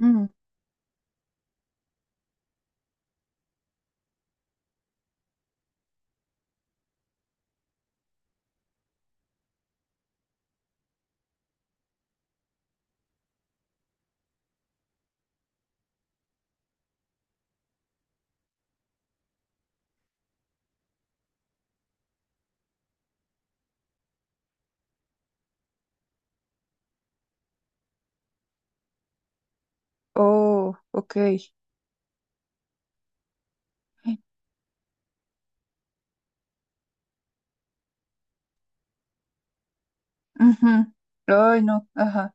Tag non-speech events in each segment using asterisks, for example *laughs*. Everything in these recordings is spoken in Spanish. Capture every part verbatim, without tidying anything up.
Mm. Oh, ok. Ujú. Ay, no, ajá,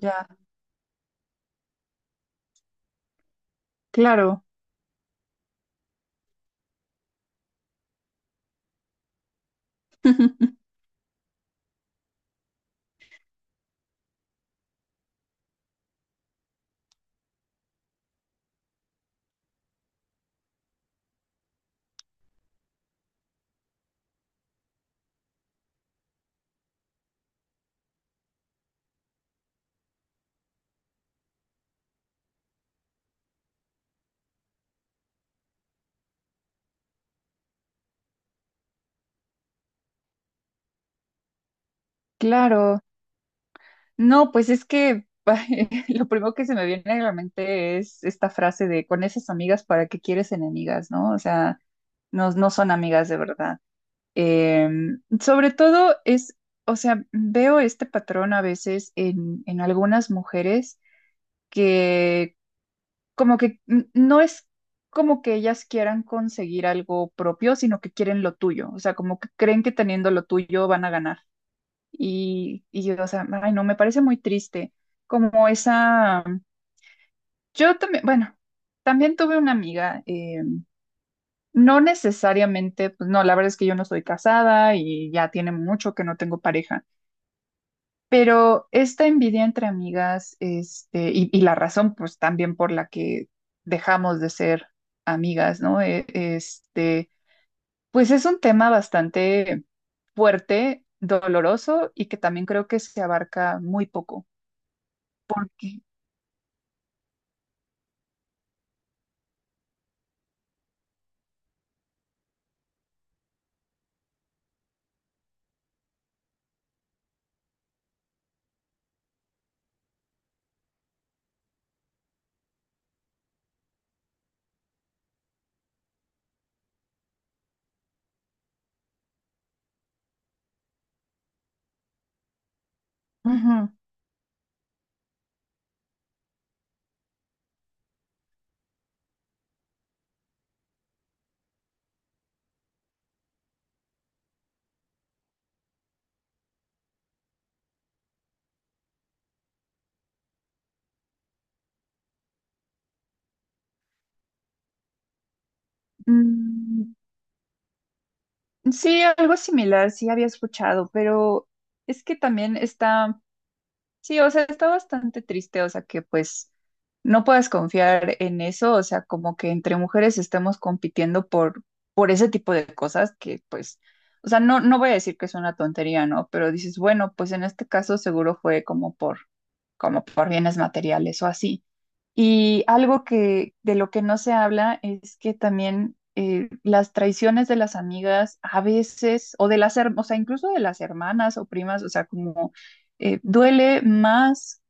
ya, claro, *laughs* claro. No, pues es que *laughs* lo primero que se me viene a la mente es esta frase de con esas amigas, ¿para qué quieres enemigas? ¿No? O sea, no, no son amigas de verdad. Em, sobre todo es, o sea, veo este patrón a veces en, en algunas mujeres que como que n- no es como que ellas quieran conseguir algo propio, sino que quieren lo tuyo, o sea, como que creen que teniendo lo tuyo van a ganar. Y, y yo, o sea, ay, no, me parece muy triste, como esa, yo también, bueno, también tuve una amiga, eh, no necesariamente, pues no, la verdad es que yo no estoy casada y ya tiene mucho que no tengo pareja. Pero esta envidia entre amigas, este, y, y la razón, pues también por la que dejamos de ser amigas, ¿no? E- Este, pues es un tema bastante fuerte, doloroso y que también creo que se abarca muy poco. Ok. Ujú. Mm, sí, algo similar, sí había escuchado, pero es que también está. Sí, o sea, está bastante triste, o sea, que pues no puedas confiar en eso, o sea, como que entre mujeres estemos compitiendo por, por ese tipo de cosas que pues, o sea, no, no voy a decir que es una tontería, ¿no? Pero dices, bueno, pues en este caso seguro fue como por, como por bienes materiales o así. Y algo que de lo que no se habla es que también eh, las traiciones de las amigas a veces, o de las, her- o sea, incluso de las hermanas o primas, o sea, como eh, duele más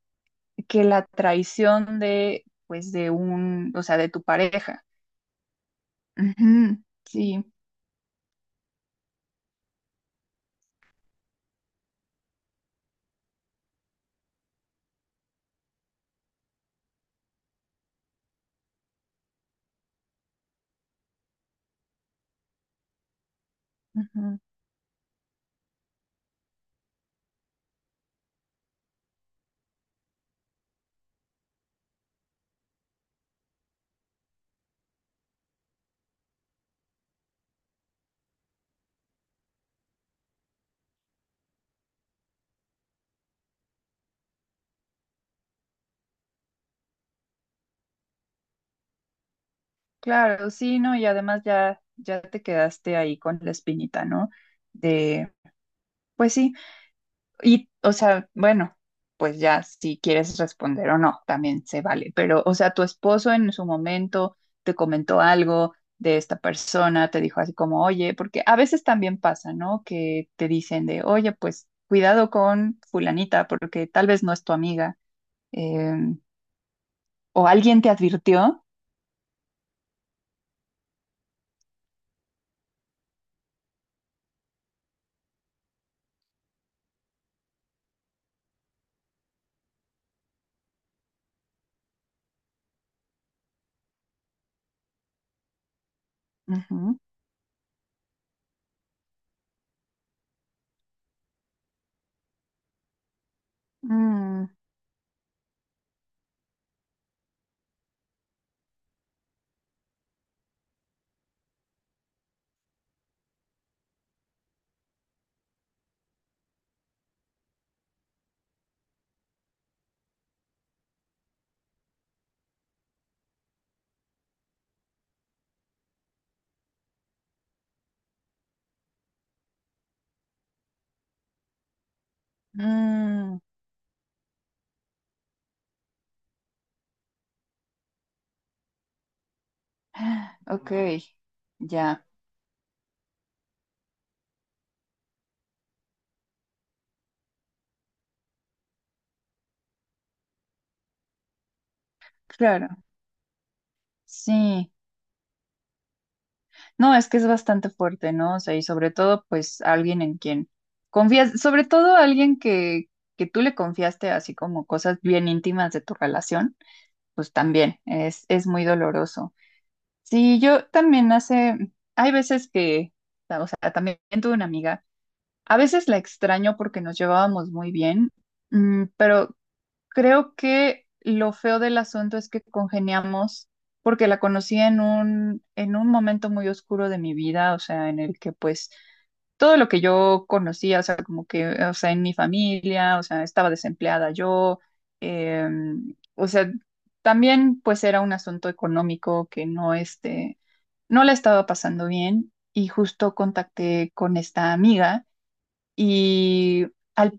que la traición de, pues, de un, o sea, de tu pareja. Ujú, sí, ujú. Claro, sí, ¿no? Y además ya, ya te quedaste ahí con la espinita, ¿no? De, pues sí. Y, o sea, bueno, pues ya si quieres responder o no, también se vale. Pero, o sea, tu esposo en su momento te comentó algo de esta persona, te dijo así como, oye, porque a veces también pasa, ¿no? Que te dicen de, oye, pues cuidado con fulanita, porque tal vez no es tu amiga. eh, o alguien te advirtió. Ujú. Mm, mm. *sighs* Ok, ya, claro, sí. No, es que es bastante fuerte, ¿no? O sea, y sobre todo, pues, alguien en quien confías, sobre todo alguien que, que tú le confiaste así como cosas bien íntimas de tu relación, pues también es, es muy doloroso. Sí, yo también hace, hay veces que, o sea, también tuve una amiga, a veces la extraño porque nos llevábamos muy bien, mm, pero creo que lo feo del asunto es que congeniamos porque la conocí en un, en un momento muy oscuro de mi vida, o sea, en el que pues todo lo que yo conocía, o sea, como que, o sea, en mi familia, o sea, estaba desempleada yo, eh, o sea, también pues era un asunto económico que no, este, no la estaba pasando bien y justo contacté con esta amiga y al.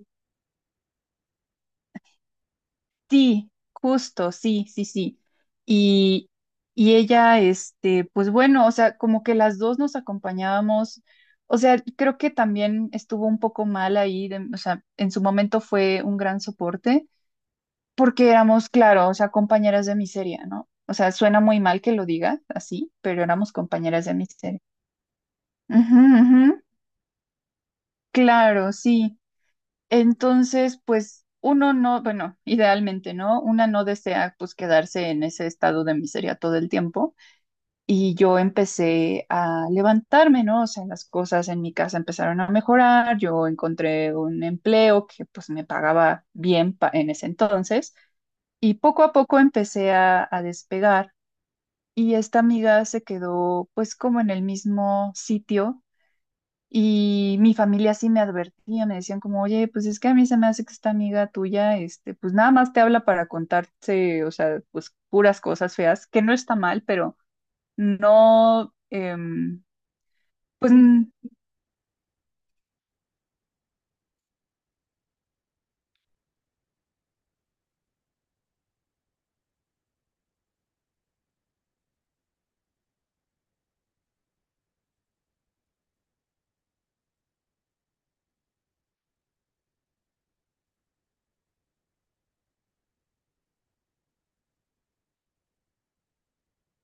Sí, justo, sí, sí, sí. Y, y ella, este, pues bueno, o sea, como que las dos nos acompañábamos, o sea, creo que también estuvo un poco mal ahí, de- o sea, en su momento fue un gran soporte, porque éramos, claro, o sea, compañeras de miseria, ¿no? O sea, suena muy mal que lo diga así, pero éramos compañeras de miseria. Ujú, ujú. Claro, sí. Entonces, pues uno no, bueno, idealmente, ¿no? Una no desea pues quedarse en ese estado de miseria todo el tiempo. Y yo empecé a levantarme, ¿no? O sea, las cosas en mi casa empezaron a mejorar, yo encontré un empleo que pues me pagaba bien pa- en ese entonces y poco a poco empecé a, a despegar. Y esta amiga se quedó pues como en el mismo sitio y mi familia sí me advertía, me decían como, oye, pues es que a mí se me hace que esta amiga tuya, este, pues nada más te habla para contarte, o sea, pues puras cosas feas, que no está mal, pero no, em, pues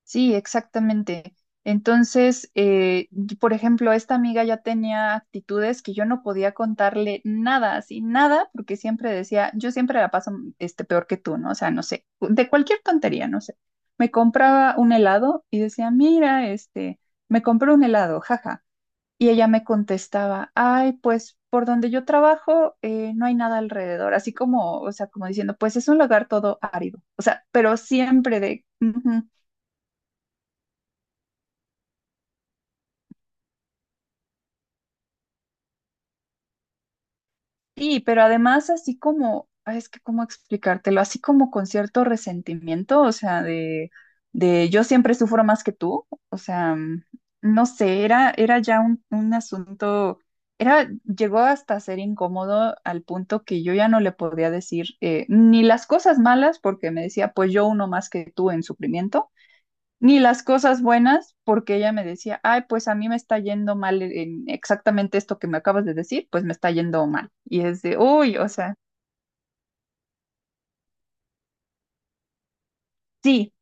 sí, exactamente. Entonces, eh, y por ejemplo, esta amiga ya tenía actitudes que yo no podía contarle nada, así nada, porque siempre decía, yo siempre la paso este, peor que tú, ¿no? O sea, no sé, de cualquier tontería, no sé. Me compraba un helado y decía, mira, este, me compré un helado, jaja. Y ella me contestaba, ay, pues por donde yo trabajo eh, no hay nada alrededor, así como, o sea, como diciendo, pues es un lugar todo árido, o sea, pero siempre de. "Ujú". Sí, pero además así como, ay, es que cómo explicártelo, así como con cierto resentimiento, o sea, de, de yo siempre sufro más que tú, o sea, mm, no sé, era, era ya un, un asunto, era, llegó hasta ser incómodo al punto que yo ya no le podía decir eh, ni las cosas malas, porque me decía, pues yo uno más que tú en sufrimiento ni las cosas buenas, porque ella me decía, ay, pues a mí me está yendo mal en exactamente esto que me acabas de decir, pues me está yendo mal. Y es de, uy, o sea, sí,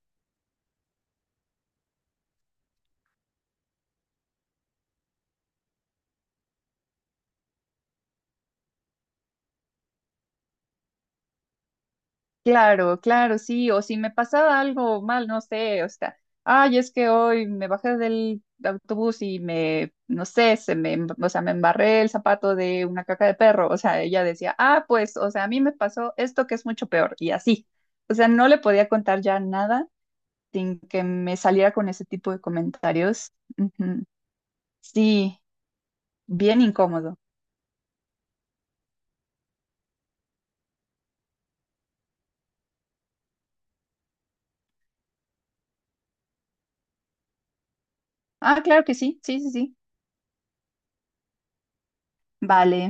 claro, claro, sí, o si me pasaba algo mal, no sé, o sea, ay, es que hoy me bajé del autobús y me, no sé, se me, em- o sea, me embarré el zapato de una caca de perro, o sea, ella decía, ah, pues, o sea, a mí me pasó esto que es mucho peor, y así. O sea, no le podía contar ya nada sin que me saliera con ese tipo de comentarios. Ujú. Sí, bien incómodo. Ah, claro que sí, sí, sí, sí. Vale.